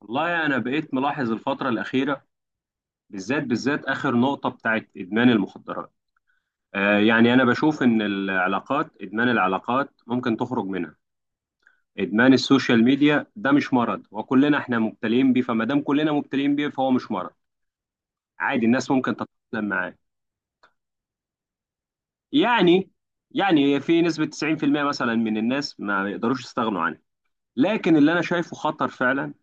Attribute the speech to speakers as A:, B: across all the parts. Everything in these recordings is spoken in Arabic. A: والله أنا بقيت ملاحظ الفترة الأخيرة. بالذات آخر نقطة بتاعت إدمان المخدرات. آه، يعني أنا بشوف إن العلاقات، إدمان العلاقات ممكن تخرج منها. إدمان السوشيال ميديا ده مش مرض، وكلنا إحنا مبتلين بيه، فما دام كلنا مبتلين بيه فهو مش مرض عادي، الناس ممكن تتأقلم معاه. يعني يعني في نسبة 90% مثلا من الناس ما يقدروش يستغنوا عنه. لكن اللي أنا شايفه خطر فعلا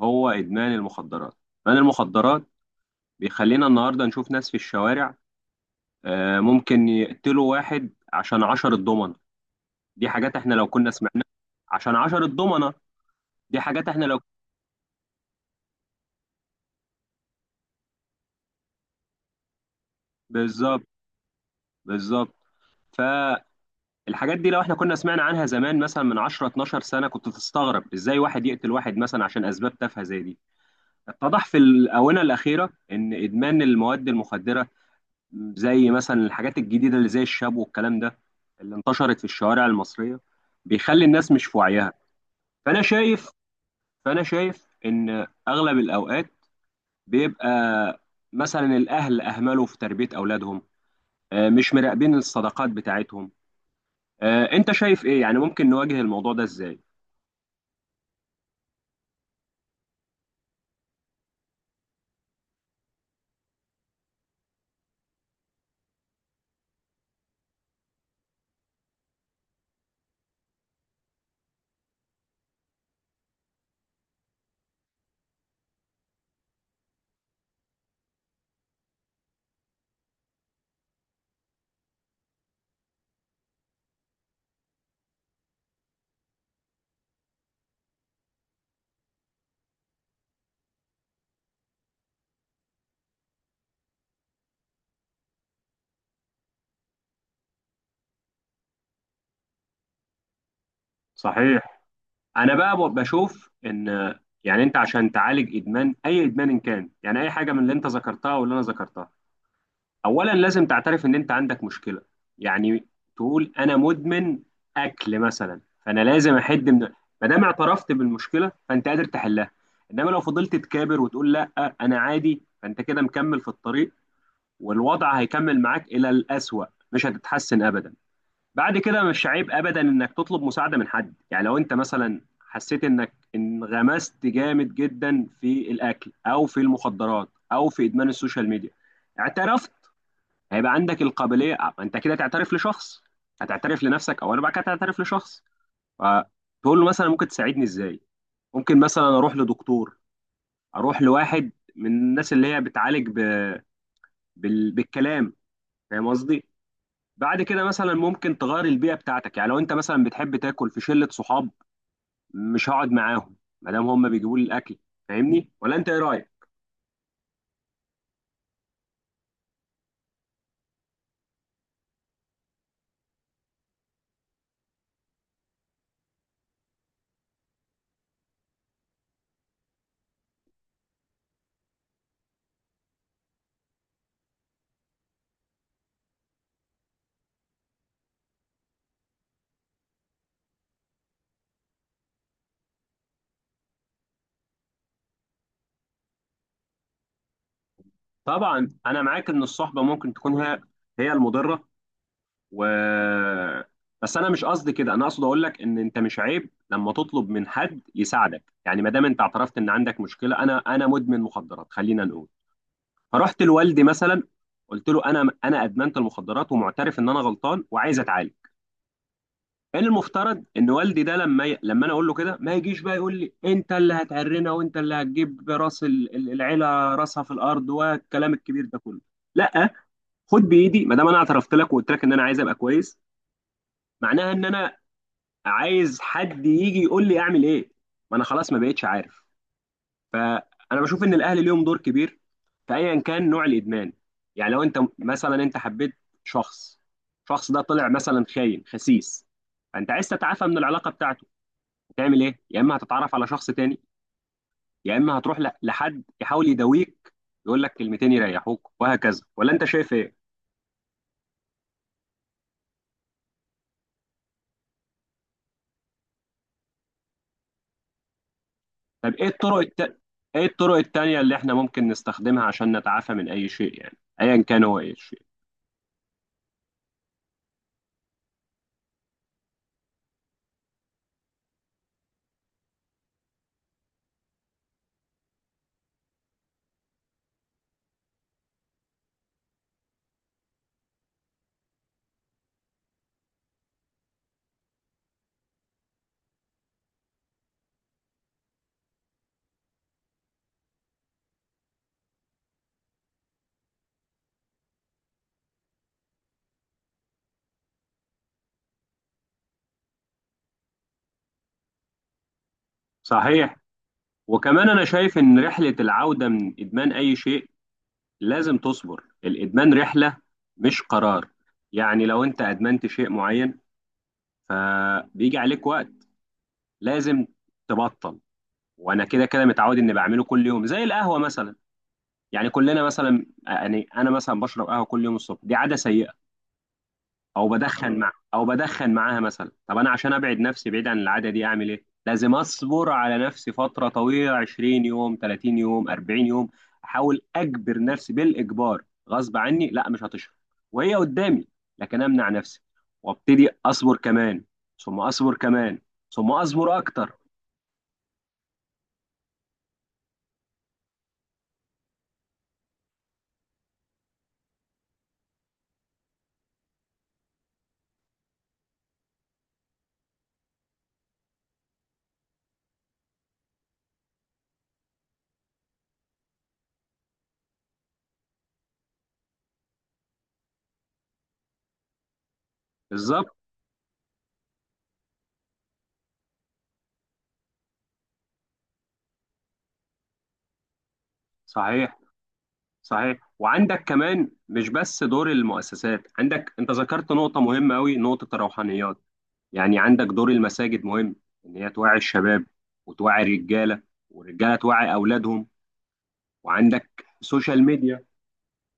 A: هو إدمان المخدرات. إدمان المخدرات بيخلينا النهارده نشوف ناس في الشوارع، آه، ممكن يقتلوا واحد عشان عشرة ضمنة. دي حاجات احنا لو كنا سمعناها. عشان عشرة ضمنة، دي حاجات احنا لو. بالظبط، بالظبط. فالحاجات دي لو احنا كنا سمعنا عنها زمان مثلا من 10 12 سنة، كنت تستغرب ازاي واحد يقتل واحد مثلا عشان اسباب تافهة زي دي. اتضح في الآونة الأخيرة ان ادمان المواد المخدرة، زي مثلا الحاجات الجديدة اللي زي الشاب والكلام ده اللي انتشرت في الشوارع المصرية، بيخلي الناس مش في وعيها. فانا شايف فانا شايف ان اغلب الاوقات بيبقى مثلا الاهل اهملوا في تربيه اولادهم. آه، مش مراقبين الصداقات بتاعتهم. آه، انت شايف ايه يعني ممكن نواجه الموضوع ده ازاي؟ صحيح. انا بقى بشوف ان آه، يعني انت عشان تعالج ادمان، اي ادمان إن كان، يعني اي حاجه من اللي انت ذكرتها واللي انا ذكرتها، اولا لازم تعترف ان انت عندك مشكله. يعني تقول انا مدمن اكل مثلا، فانا لازم احد من، ما دام اعترفت بالمشكله فانت قادر تحلها. انما لو فضلت تكابر وتقول لا انا عادي، فانت كده مكمل في الطريق، والوضع هيكمل معاك الى الاسوأ، مش هتتحسن ابدا. بعد كده مش عيب ابدا انك تطلب مساعده من حد. يعني لو انت مثلا حسيت انك انغمست جامد جدا في الاكل او في المخدرات او في ادمان السوشيال ميديا، اعترفت، هيبقى عندك القابليه آه، انت كده تعترف لشخص. هتعترف لنفسك او انا بعد كده هتعترف لشخص، فتقول له مثلا ممكن تساعدني ازاي. ممكن مثلا اروح لدكتور، اروح لواحد من الناس اللي هي بتعالج بالكلام. فاهم قصدي؟ بعد كده مثلا ممكن تغير البيئه بتاعتك. يعني لو انت مثلا بتحب تاكل في شله صحاب، مش هقعد معاهم ما دام هم بيجيبوا لي الاكل. فاهمني ولا انت ايه رايك؟ طبعا انا معاك ان الصحبه ممكن تكون هي المضره. و بس انا مش قصدي كده، انا اقصد اقول لك ان انت مش عيب لما تطلب من حد يساعدك. يعني ما دام انت اعترفت ان عندك مشكله، انا مدمن مخدرات خلينا نقول، فرحت لوالدي مثلا، قلت له انا ادمنت المخدرات ومعترف ان انا غلطان وعايز اتعالج. كان المفترض ان والدي ده لما لما انا اقول له كده ما يجيش بقى يقول لي انت اللي هتعرنا وانت اللي هتجيب راس العيله راسها في الارض والكلام الكبير ده كله. لا، خد بايدي ما دام انا اعترفت لك وقلت لك ان انا عايز ابقى كويس، معناها ان انا عايز حد يجي يقول لي اعمل ايه، ما انا خلاص ما بقتش عارف. فانا بشوف ان الاهل ليهم دور كبير في ايا كان نوع الادمان. يعني لو انت مثلا انت حبيت شخص، الشخص ده طلع مثلا خاين خسيس، فانت عايز تتعافى من العلاقه بتاعته، هتعمل ايه؟ يا اما هتتعرف على شخص تاني، يا اما هتروح لحد يحاول يداويك، يقول لك كلمتين يريحوك وهكذا. ولا انت شايف ايه؟ طب ايه ايه الطرق التانية اللي احنا ممكن نستخدمها عشان نتعافى من اي شيء؟ يعني ايا كان هو اي شيء. صحيح. وكمان أنا شايف إن رحلة العودة من إدمان أي شيء لازم تصبر. الإدمان رحلة مش قرار. يعني لو أنت أدمنت شيء معين فبيجي عليك وقت لازم تبطل. وأنا كده كده متعود إني بعمله كل يوم، زي القهوة مثلا. يعني كلنا مثلا، يعني أنا مثلا بشرب قهوة كل يوم الصبح، دي عادة سيئة. او بدخن معاها مثلا. طب انا عشان ابعد نفسي بعيد عن العاده دي اعمل ايه؟ لازم اصبر على نفسي فتره طويله، 20 يوم، 30 يوم، 40 يوم. احاول اجبر نفسي بالاجبار، غصب عني، لا مش هتشرب وهي قدامي، لكن امنع نفسي وابتدي اصبر كمان، ثم اصبر كمان، ثم اصبر اكتر. بالظبط. صحيح، صحيح. وعندك كمان مش بس دور المؤسسات، عندك انت ذكرت نقطه مهمه قوي، نقطه الروحانيات. يعني عندك دور المساجد مهم، ان هي توعي الشباب، وتوعي الرجاله، والرجاله توعي اولادهم. وعندك سوشيال ميديا،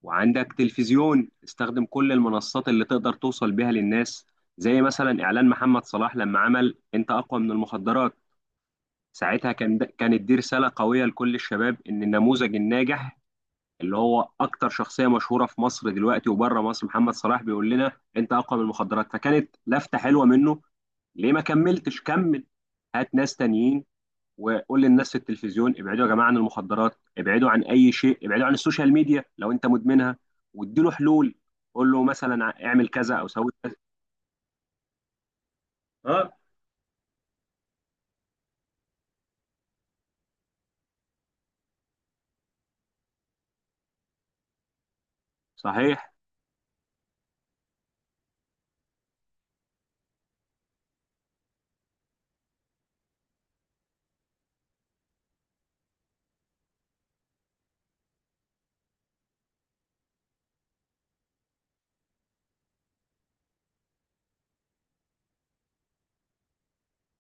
A: وعندك تلفزيون. استخدم كل المنصات اللي تقدر توصل بيها للناس. زي مثلا اعلان محمد صلاح لما عمل انت اقوى من المخدرات، ساعتها كان ده كانت دي رساله قويه لكل الشباب ان النموذج الناجح اللي هو اكتر شخصيه مشهوره في مصر دلوقتي وبره مصر، محمد صلاح، بيقول لنا انت اقوى من المخدرات، فكانت لفته حلوه منه. ليه ما كملتش؟ كمل، هات ناس تانيين، وقول للناس في التلفزيون ابعدوا يا جماعه عن المخدرات، ابعدوا عن اي شيء، ابعدوا عن السوشيال ميديا لو انت مدمنها. واديله حلول، قول له مثلا اعمل كذا او سوي كذا. اه. صحيح.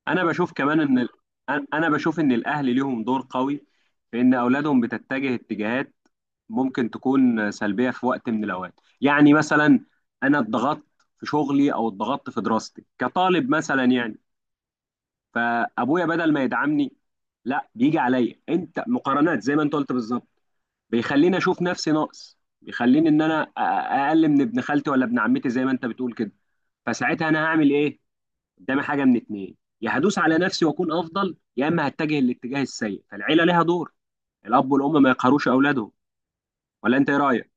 A: انا بشوف كمان ان انا بشوف ان الاهل ليهم دور قوي في ان اولادهم بتتجه اتجاهات ممكن تكون سلبيه في وقت من الاوقات. يعني مثلا انا اتضغطت في شغلي او اتضغطت في دراستي كطالب مثلا، يعني فابويا بدل ما يدعمني، لا بيجي عليا انت مقارنات زي ما انت قلت بالظبط، بيخليني اشوف نفسي ناقص، بيخليني ان انا اقل من ابن خالتي ولا ابن عمتي زي ما انت بتقول كده. فساعتها انا هعمل ايه؟ قدامي حاجه من اتنين، يا هدوس على نفسي واكون افضل، يا اما هتجه الاتجاه السيء. فالعيله ليها دور، الاب والام ما يقهروش اولادهم. ولا انت ايه رايك؟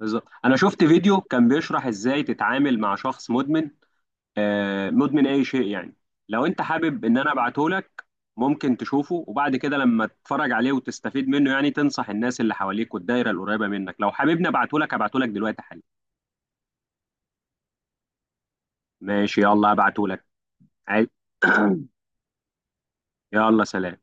A: بالظبط. انا شفت فيديو كان بيشرح ازاي تتعامل مع شخص مدمن، آه، مدمن اي شيء يعني. لو انت حابب ان انا ابعته لك، ممكن تشوفه، وبعد كده لما تتفرج عليه وتستفيد منه، يعني تنصح الناس اللي حواليك والدايره القريبه منك. لو حاببني ابعته لك، ابعته لك دلوقتي حالا. ماشي، يلا ابعته لك. عايز-، يلا سلام.